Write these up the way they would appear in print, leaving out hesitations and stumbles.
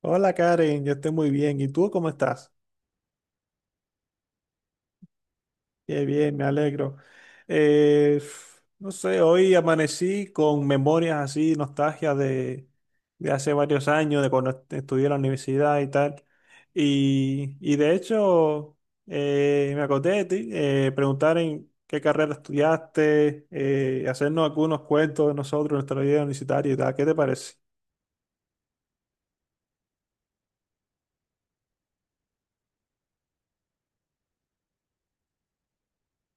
Hola Karen, yo estoy muy bien. ¿Y tú cómo estás? Qué bien, me alegro. No sé, hoy amanecí con memorias así, nostalgia de hace varios años, de cuando estudié en la universidad y tal. Y de hecho, me acordé de ti, preguntar en qué carrera estudiaste, hacernos algunos cuentos de nosotros, nuestra vida universitaria y tal. ¿Qué te parece?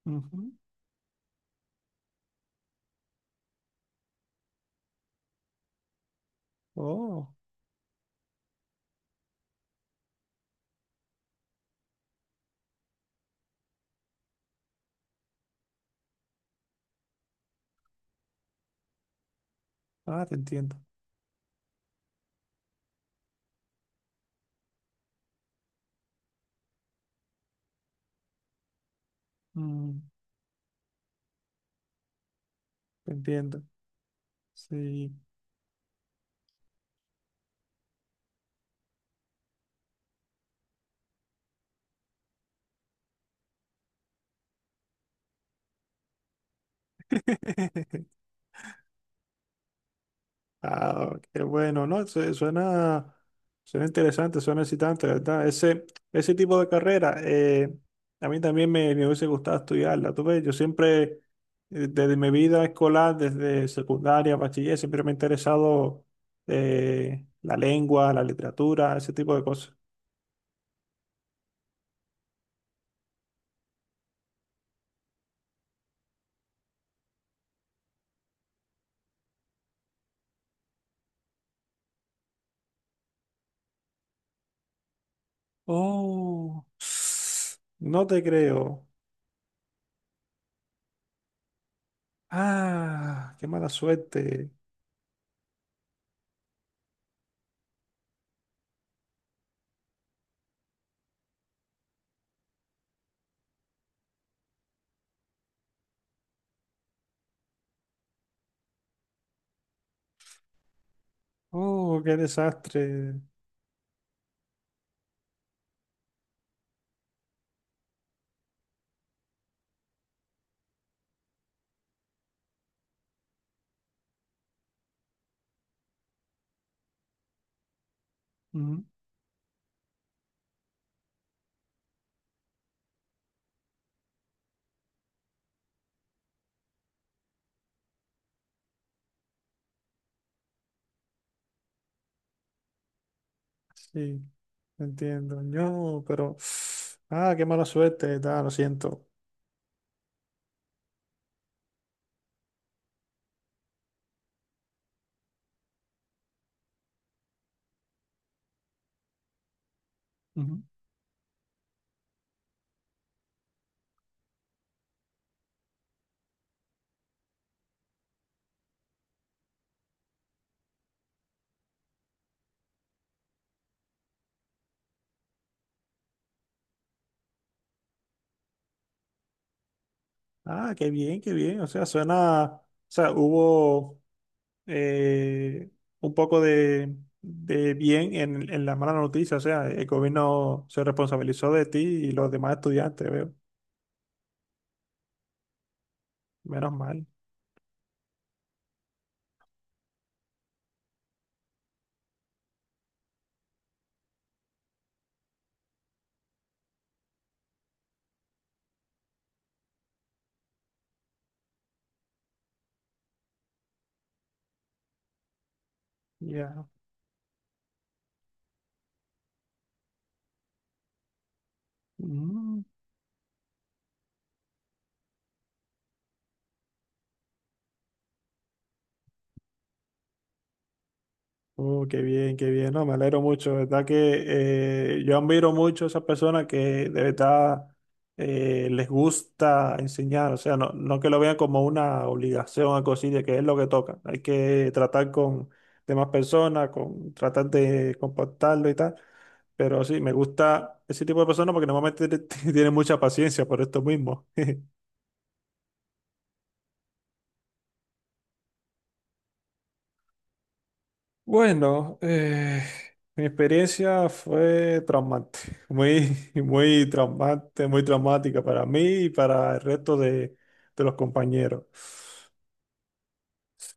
Ujú. Oh, ah, te entiendo. Mm, te entiendo. Sí. Ah, qué bueno, ¿no? Suena, suena interesante, suena excitante, ¿la verdad? Ese tipo de carrera, a mí también me hubiese gustado estudiarla. Tú ves, yo siempre, desde mi vida escolar, desde secundaria, bachiller, siempre me ha interesado la lengua, la literatura, ese tipo de cosas. Oh, no te creo. Ah, qué mala suerte. Oh, qué desastre. Sí, entiendo. Ah, qué mala suerte, tal, lo siento. Ujú. Ah, qué bien, qué bien. O sea, suena, o sea, hubo eh, un poco de bien en la mala noticia. O sea, el gobierno se responsabilizó de ti y los demás estudiantes, veo. Menos mal. Ya. Mm, uh, qué bien, qué bien. No, me alegro mucho. De verdad que yo admiro mucho a esas personas que de verdad les gusta enseñar. O sea, no, no que lo vean como una obligación a cosilla, que es lo que toca. Hay que tratar con demás personas, con tratar de comportarlo y tal. Pero sí, me gusta ese tipo de personas porque normalmente tienen mucha paciencia por esto mismo. Bueno, mi experiencia fue traumante, muy, muy traumante, muy traumática para mí y para el resto de los compañeros.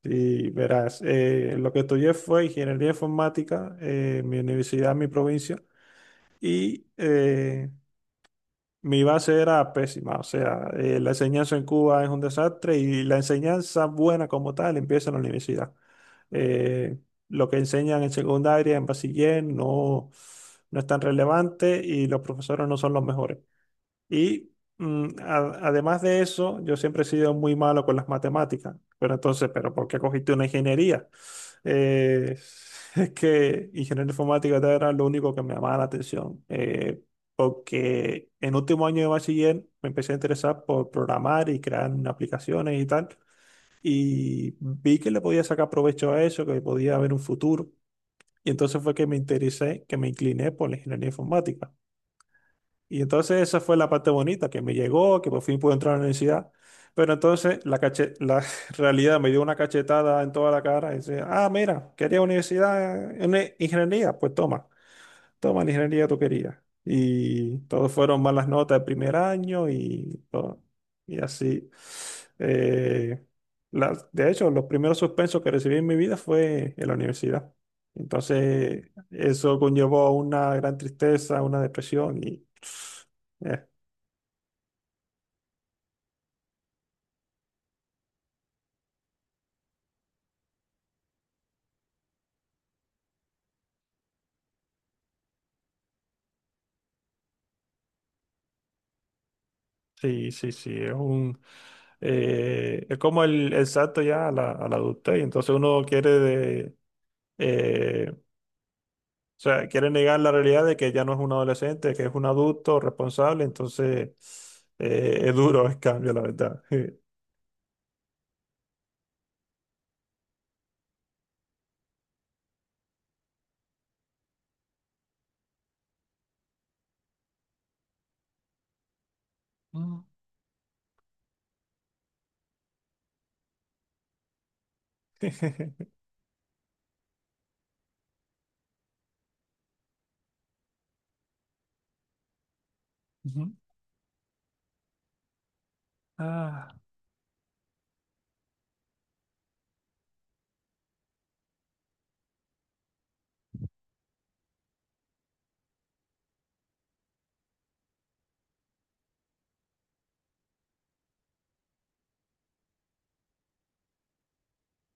Sí, verás, lo que estudié fue ingeniería informática en mi universidad, en mi provincia, y mi base era pésima, o sea, la enseñanza en Cuba es un desastre y la enseñanza buena como tal empieza en la universidad. Eh, lo que enseñan en secundaria, en bachiller, no, no es tan relevante y los profesores no son los mejores. Y además de eso, yo siempre he sido muy malo con las matemáticas. Pero entonces, ¿pero por qué cogiste una ingeniería? Eh, es que ingeniería informática era lo único que me llamaba la atención. Porque en último año de bachiller me empecé a interesar por programar y crear aplicaciones y tal. Y vi que le podía sacar provecho a eso, que podía haber un futuro. Y entonces fue que me interesé, que me incliné por la ingeniería informática. Y entonces esa fue la parte bonita, que me llegó, que por fin pude entrar a la universidad. Pero entonces la realidad me dio una cachetada en toda la cara y decía, ah, mira, quería universidad en ingeniería, pues toma toma la ingeniería tú querías. Y todos fueron malas notas de primer año y todo. Y así. Eh, de hecho, los primeros suspensos que recibí en mi vida fue en la universidad. Entonces, eso conllevó a una gran tristeza, una depresión y... eh, sí, sí, es un es como el salto ya a la adultez, y entonces uno quiere eh, o sea, quiere negar la realidad de que ya no es un adolescente, que es un adulto responsable, entonces es duro el cambio, la verdad. Mm, ujú. Ah,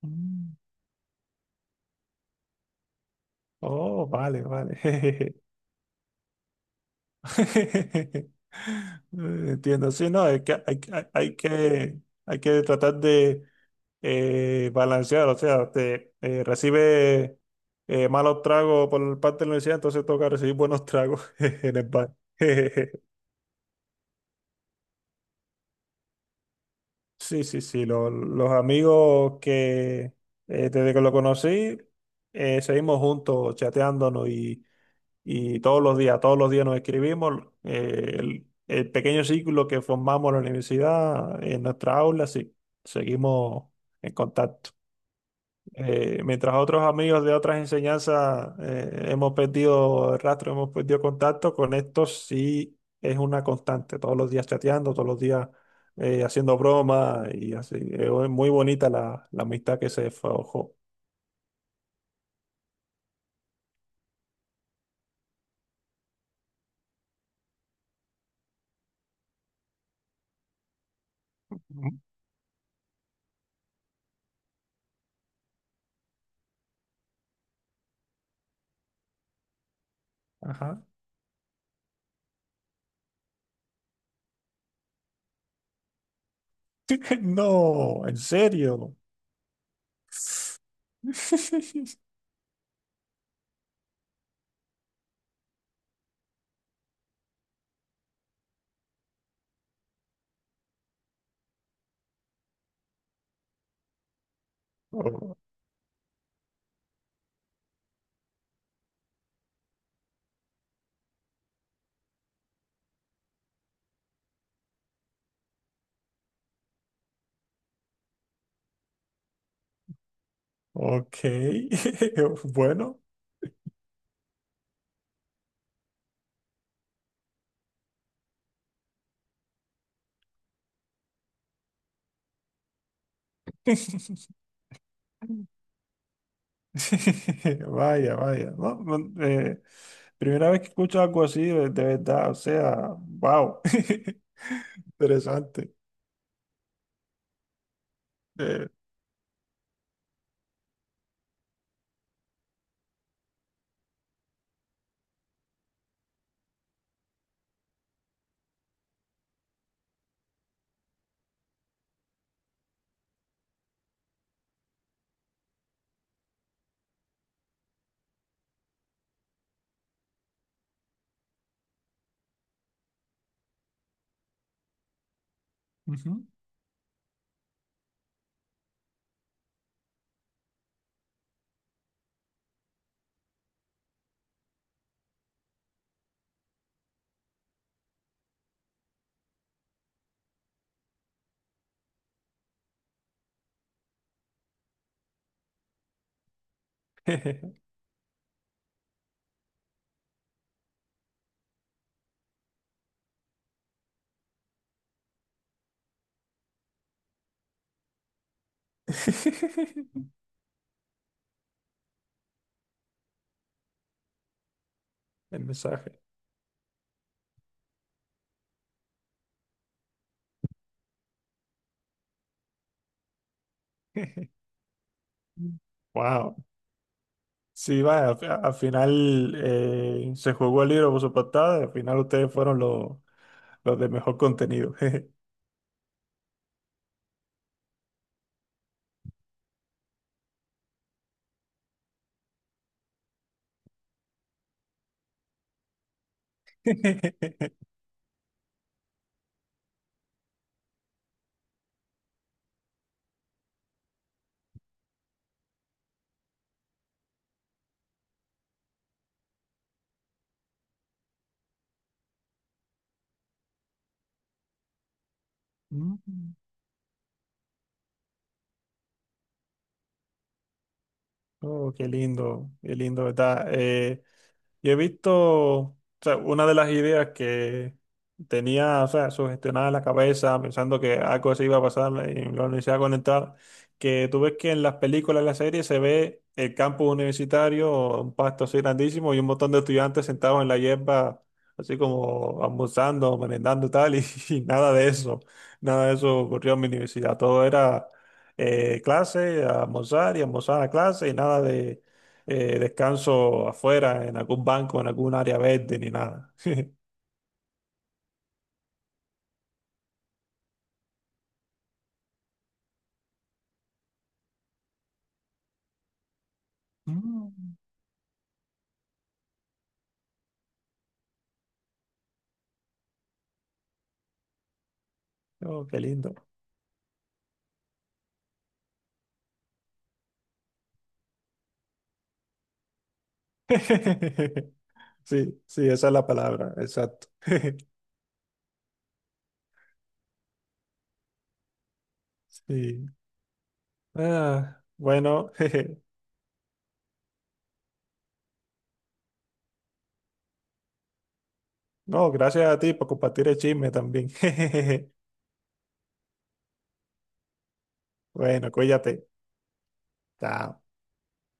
mm. Oh, vale, vale. Entiendo, sí, no, hay que tratar de balancear, o sea, te recibe malos tragos por parte de la universidad, entonces toca recibir buenos tragos en el bar. Sí, sí, sí, los amigos que desde que lo conocí, seguimos juntos chateándonos y todos los días nos escribimos. El el pequeño círculo que formamos en la universidad, en nuestra aula, sí, seguimos en contacto. Mientras otros amigos de otras enseñanzas hemos perdido el rastro, hemos perdido contacto, con estos sí es una constante, todos los días chateando, todos los días haciendo bromas y así. Es muy bonita la, la amistad que se forjó. Ujú. Ajá. No, en serio. O- Ok, bueno. Vaya, vaya. No, no, eh, primera vez que escucho algo así, de verdad, o sea, wow. Interesante. Eh, ujú. El mensaje. Wow. Sí, vaya, al final se jugó el libro por su portada, y al final ustedes fueron los de mejor contenido. Mm. Oh, qué lindo, ¿verdad? Y he visto, o sea, una de las ideas que tenía, o sea, sugestionada en la cabeza, pensando que algo así iba a pasar en la universidad a conectar, que tú ves que en las películas, en las series, se ve el campus universitario, un pasto así grandísimo y un montón de estudiantes sentados en la hierba, así como almorzando, merendando y tal, y, y nada de eso, nada de eso ocurrió en mi universidad. Todo era clase, almorzar y almorzar a clase y nada descanso afuera, en algún banco, en algún área verde, ni nada. Mm, oh, qué lindo. Sí, sí, esa es la palabra, exacto. Sí. Ah, bueno, no, gracias a ti por compartir el chisme también. Bueno, cuídate. Chao.